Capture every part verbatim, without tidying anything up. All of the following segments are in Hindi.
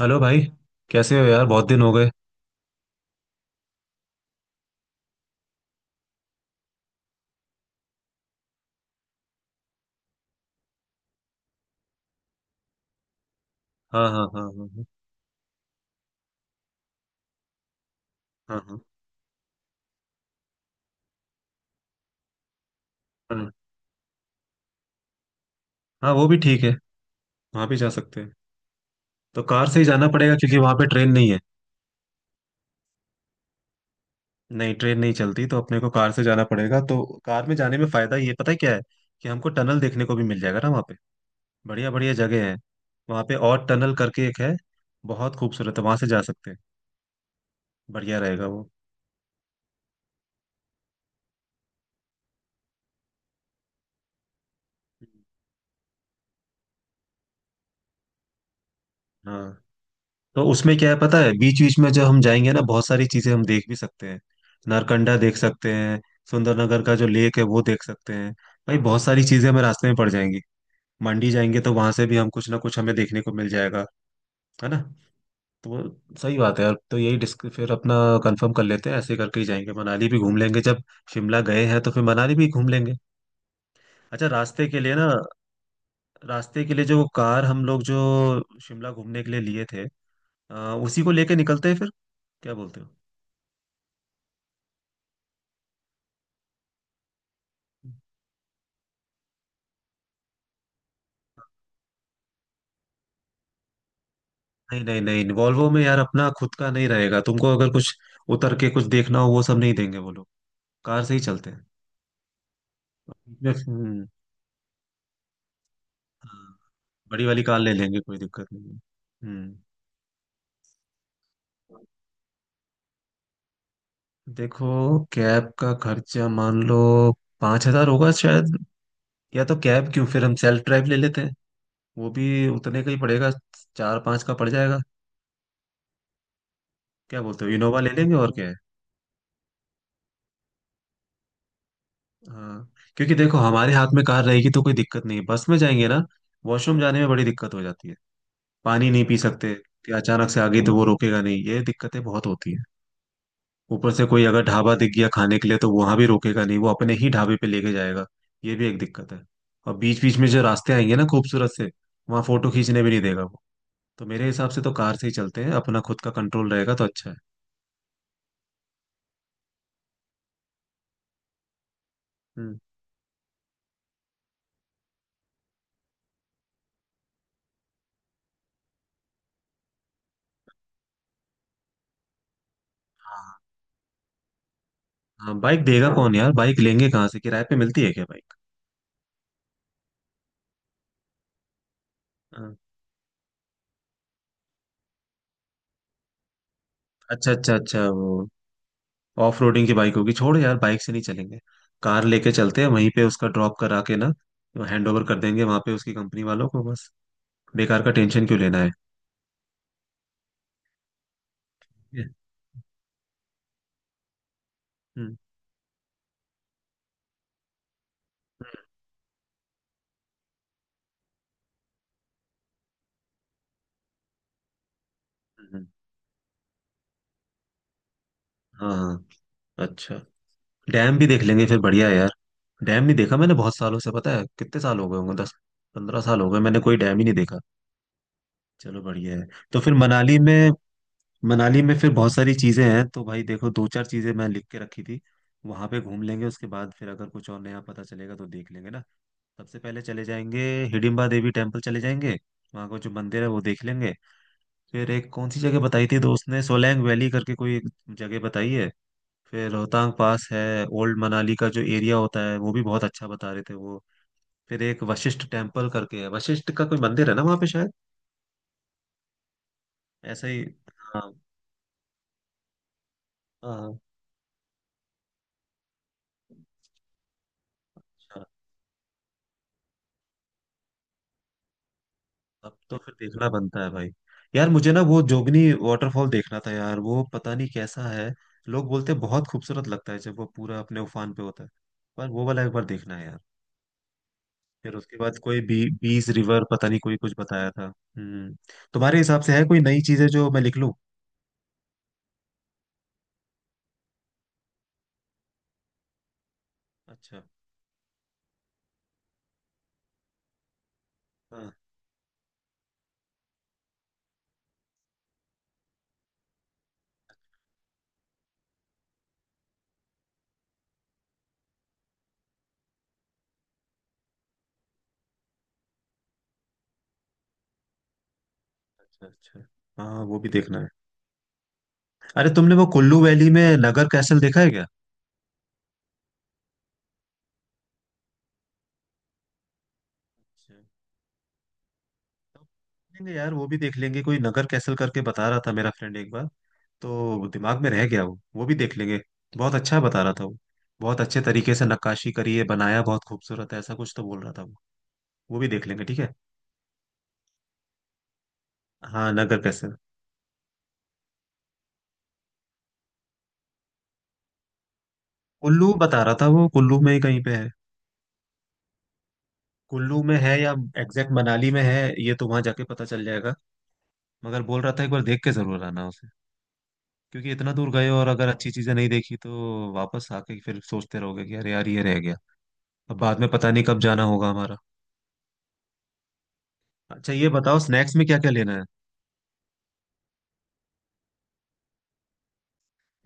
हेलो भाई। कैसे हो यार, बहुत दिन हो गए। हाँ, हाँ, हाँ, हाँ, हाँ, हाँ, हाँ, हाँ, वो भी ठीक है। वहाँ भी जा सकते हैं। तो कार से ही जाना पड़ेगा क्योंकि वहाँ पे ट्रेन नहीं है। नहीं, ट्रेन नहीं चलती, तो अपने को कार से जाना पड़ेगा। तो कार में जाने में फायदा ये पता है क्या है कि हमको टनल देखने को भी मिल जाएगा ना वहाँ पे। बढ़िया बढ़िया जगह है वहाँ पे। और टनल करके एक है, बहुत खूबसूरत है, वहाँ से जा सकते हैं। बढ़िया रहेगा वो। हाँ, तो उसमें क्या है पता है, बीच बीच में जब हम जाएंगे ना बहुत सारी चीजें हम देख भी सकते हैं। नारकंडा देख सकते हैं। सुंदरनगर का जो लेक है वो देख सकते हैं। भाई बहुत सारी चीजें हमें रास्ते में पड़ जाएंगी। मंडी जाएंगे तो वहां से भी हम कुछ ना कुछ हमें देखने को मिल जाएगा। है ना। तो सही बात है यार, तो यही डिस्क फिर अपना कंफर्म कर लेते हैं, ऐसे करके ही जाएंगे। मनाली भी घूम लेंगे, जब शिमला गए हैं तो फिर मनाली भी घूम लेंगे। अच्छा, रास्ते के लिए ना, रास्ते के लिए जो कार हम लोग जो शिमला घूमने के लिए लिए थे, अ, उसी को लेके निकलते हैं फिर। क्या बोलते हो? नहीं नहीं नहीं, वॉल्वो में यार अपना खुद का नहीं रहेगा। तुमको अगर कुछ उतर के कुछ देखना हो वो सब नहीं देंगे वो लोग। कार से ही चलते हैं। इसमें- हम्म। हाँ, बड़ी वाली कार ले लेंगे, कोई दिक्कत नहीं है। हम्म। देखो कैब का खर्चा मान लो पांच हजार होगा शायद। या तो कैब क्यों, फिर हम सेल्फ ड्राइव ले लेते हैं, वो भी उतने का ही पड़ेगा, चार पांच का पड़ जाएगा। क्या बोलते हो, इनोवा ले लेंगे और क्या है। हाँ, क्योंकि देखो हमारे हाथ में कार रहेगी तो कोई दिक्कत नहीं है। बस में जाएंगे ना, वॉशरूम जाने में बड़ी दिक्कत हो जाती है। पानी नहीं पी सकते कि अचानक से आ गई तो वो रोकेगा नहीं, ये दिक्कतें बहुत होती हैं। ऊपर से कोई अगर ढाबा दिख गया खाने के लिए तो वहां भी रोकेगा नहीं, वो अपने ही ढाबे पे लेके जाएगा। ये भी एक दिक्कत है। और बीच बीच में जो रास्ते आएंगे ना खूबसूरत से, वहां फोटो खींचने भी नहीं देगा वो। तो मेरे हिसाब से तो कार से ही चलते हैं, अपना खुद का कंट्रोल रहेगा तो अच्छा है। हम्म। हाँ, हाँ, बाइक देगा कौन यार, बाइक लेंगे कहाँ से? किराए पे मिलती है क्या बाइक? हाँ, अच्छा अच्छा अच्छा, वो ऑफ रोडिंग की बाइक होगी। छोड़ यार, बाइक से नहीं चलेंगे, कार लेके चलते हैं। वहीं पे उसका ड्रॉप करा के ना हैंड ओवर कर देंगे वहां पे उसकी कंपनी वालों को बस। बेकार का टेंशन क्यों लेना है। हम्म। हम्म। हम्म। हाँ हाँ, अच्छा, डैम भी देख लेंगे फिर, बढ़िया है यार। डैम नहीं देखा मैंने बहुत सालों से, पता है कितने साल हो गए होंगे? दस पंद्रह साल हो गए, मैंने कोई डैम ही नहीं देखा। चलो बढ़िया है। तो फिर मनाली में, मनाली में फिर बहुत सारी चीजें हैं, तो भाई देखो दो चार चीजें मैं लिख के रखी थी, वहां पे घूम लेंगे, उसके बाद फिर अगर कुछ और नया पता चलेगा तो देख लेंगे ना। सबसे पहले चले जाएंगे हिडिंबा देवी टेम्पल चले जाएंगे, वहाँ का जो मंदिर है वो देख लेंगे। फिर एक कौन सी जगह बताई थी दोस्त ने, सोलैंग वैली करके कोई एक जगह बताई है। फिर रोहतांग पास है। ओल्ड मनाली का जो एरिया होता है वो भी बहुत अच्छा बता रहे थे वो। फिर एक वशिष्ठ टेम्पल करके है, वशिष्ठ का कोई मंदिर है ना वहाँ पे शायद, ऐसा ही। हाँ, हाँ, हाँ। अब तो फिर देखना बनता है भाई। यार मुझे ना वो जोगनी वाटरफॉल देखना था यार, वो पता नहीं कैसा है। लोग बोलते हैं बहुत खूबसूरत लगता है जब वो पूरा अपने उफान पे होता है। पर वो वाला एक बार देखना है यार। फिर उसके बाद कोई बी बीस रिवर, पता नहीं कोई कुछ बताया था। हम्म। तुम्हारे हिसाब से है कोई नई चीजें जो मैं लिख लूं? अच्छा। हाँ। अच्छा अच्छा। हाँ वो भी देखना है। अरे तुमने वो कुल्लू वैली में नगर कैसल देखा है क्या? अच्छा, लेंगे यार, वो भी देख लेंगे। कोई नगर कैसल करके बता रहा था मेरा फ्रेंड एक बार, तो दिमाग में रह गया वो वो भी देख लेंगे। बहुत अच्छा बता रहा था वो। बहुत अच्छे तरीके से नक्काशी करी है, बनाया बहुत खूबसूरत है, ऐसा कुछ तो बोल रहा था वो। वो भी देख लेंगे, ठीक है। हाँ नगर कैसल। कुल्लू बता रहा था वो, कुल्लू में ही कहीं पे है। कुल्लू में है या एग्जैक्ट मनाली में है ये तो वहां जाके पता चल जाएगा। मगर बोल रहा था एक बार देख के जरूर आना उसे, क्योंकि इतना दूर गए और अगर अच्छी चीजें नहीं देखी तो वापस आके फिर सोचते रहोगे कि अरे यार ये रह गया। अब बाद में पता नहीं कब जाना होगा हमारा। अच्छा ये बताओ, स्नैक्स में क्या क्या लेना है?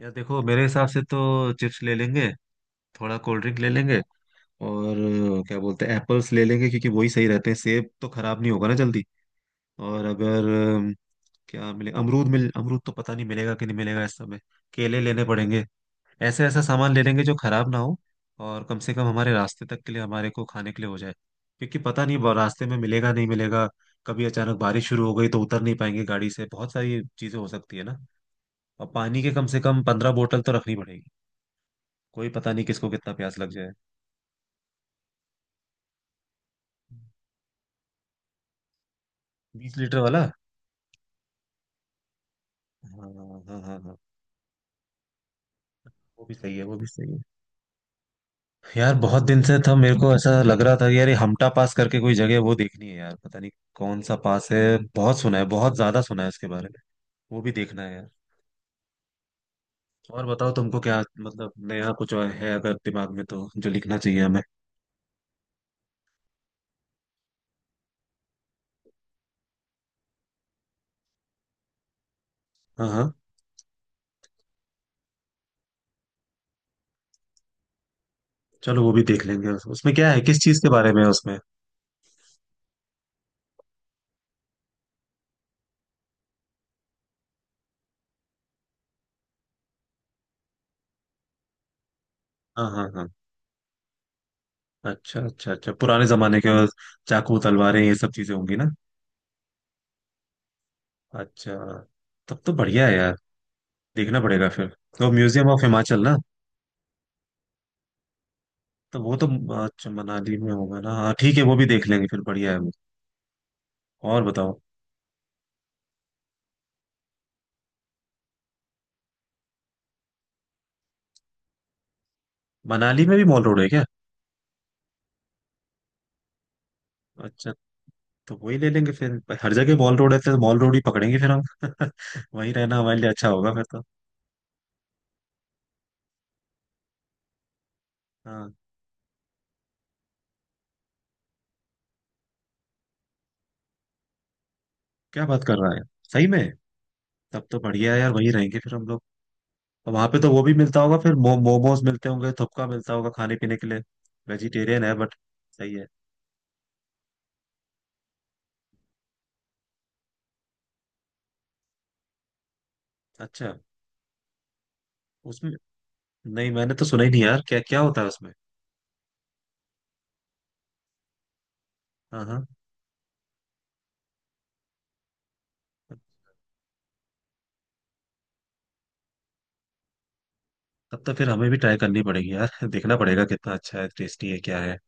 यार देखो मेरे हिसाब से तो चिप्स ले लेंगे, थोड़ा कोल्ड ड्रिंक ले लेंगे। और अ, क्या बोलते हैं एप्पल्स ले लेंगे, क्योंकि वही सही रहते हैं। सेब तो खराब नहीं होगा ना जल्दी। और अगर अम, क्या मिले, अमरूद मिल, अमरूद तो पता नहीं मिलेगा कि नहीं मिलेगा इस समय। केले लेने पड़ेंगे। ऐसे ऐसा सामान ले लेंगे जो खराब ना हो। और कम से कम हमारे रास्ते तक के लिए हमारे को खाने के लिए हो जाए, क्योंकि पता नहीं ब- रास्ते में मिलेगा नहीं मिलेगा। कभी अचानक बारिश शुरू हो गई तो उतर नहीं पाएंगे गाड़ी से, बहुत सारी चीजें हो सकती है ना। और पानी के कम से कम पंद्रह बोतल तो रखनी पड़ेगी। कोई पता नहीं किसको कितना प्यास लग जाए। बीस लीटर वाला। हाँ हाँ हाँ हाँ, वो भी सही है, वो भी सही है। यार बहुत दिन से था मेरे को, ऐसा लग रहा था कि यार ये हमटा पास करके कोई जगह है, वो देखनी है यार, पता नहीं कौन सा पास है। बहुत सुना है, बहुत ज्यादा सुना है उसके बारे में। वो भी देखना है यार। और बताओ तुमको क्या मतलब नया कुछ और है अगर दिमाग में तो, जो लिखना चाहिए हमें। हाँ हाँ, चलो वो भी देख लेंगे। उस- उसमें क्या है, किस चीज के बारे में है उसमें? हाँ हाँ हाँ, अच्छा अच्छा अच्छा, पुराने जमाने के और चाकू तलवारें ये सब चीजें होंगी ना। अच्छा, तब तो बढ़िया है यार, देखना पड़ेगा फिर। तो म्यूजियम ऑफ हिमाचल ना। तो वो तो, अच्छा मनाली में होगा ना, हाँ ठीक है, वो भी देख लेंगे फिर, बढ़िया है वो। और बताओ। मनाली में भी मॉल रोड है क्या? अच्छा, तो वही ले लेंगे फिर, पर हर जगह मॉल रोड है तो मॉल रोड ही पकड़ेंगे फिर हम वहीं रहना हमारे लिए अच्छा होगा फिर तो। हाँ, क्या बात कर रहा है, सही में? तब तो बढ़िया है यार, वहीं रहेंगे फिर हम लोग। वहां पे तो वो भी मिलता होगा फिर, मो, मोमोज मिलते होंगे, थपका मिलता होगा खाने पीने के लिए। वेजिटेरियन है बट सही है। अच्छा, उसमें, नहीं मैंने तो सुना ही नहीं यार, क्या क्या होता है उसमें? हाँ हाँ, तब तो फिर हमें भी ट्राई करनी पड़ेगी यार देखना पड़ेगा कितना अच्छा है, टेस्टी है क्या है।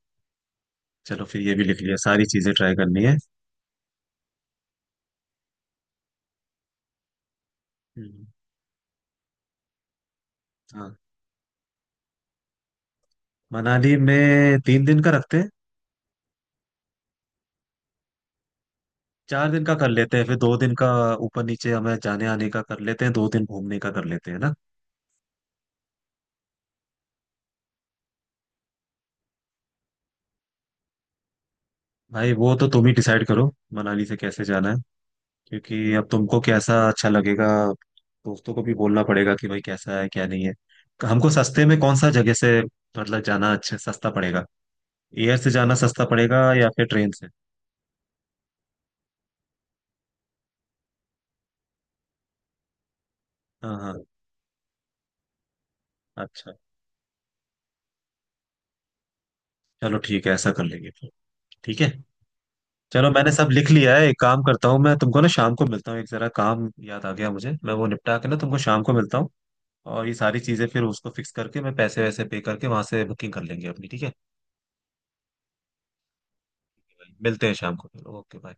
चलो फिर ये भी लिख लिया, सारी चीजें ट्राई करनी है। हम्म। हाँ, मनाली में तीन दिन का रखते हैं। चार दिन का कर लेते हैं फिर, दो दिन का ऊपर नीचे हमें जाने आने का कर लेते हैं, दो दिन घूमने का कर लेते हैं ना। भाई वो तो तुम ही डिसाइड करो मनाली से कैसे जाना है, क्योंकि अब तुमको कैसा अच्छा लगेगा, दोस्तों को भी बोलना पड़ेगा कि भाई कैसा है क्या नहीं है। हमको सस्ते में कौन सा जगह से मतलब जाना अच्छा सस्ता पड़ेगा, एयर से जाना सस्ता पड़ेगा या फिर ट्रेन से। हाँ हाँ, अच्छा, चलो ठीक है, ऐसा कर लेंगे फिर, ठीक है। चलो मैंने सब लिख लिया है, एक काम करता हूँ मैं, तुमको ना शाम को मिलता हूँ, एक जरा काम याद आ गया मुझे, मैं वो निपटा के ना तुमको शाम को मिलता हूँ। और ये सारी चीजें फिर उसको फिक्स करके मैं पैसे वैसे पे करके वहां से बुकिंग कर लेंगे अपनी, ठीक है। मिलते हैं शाम को फिर, ओके बाय।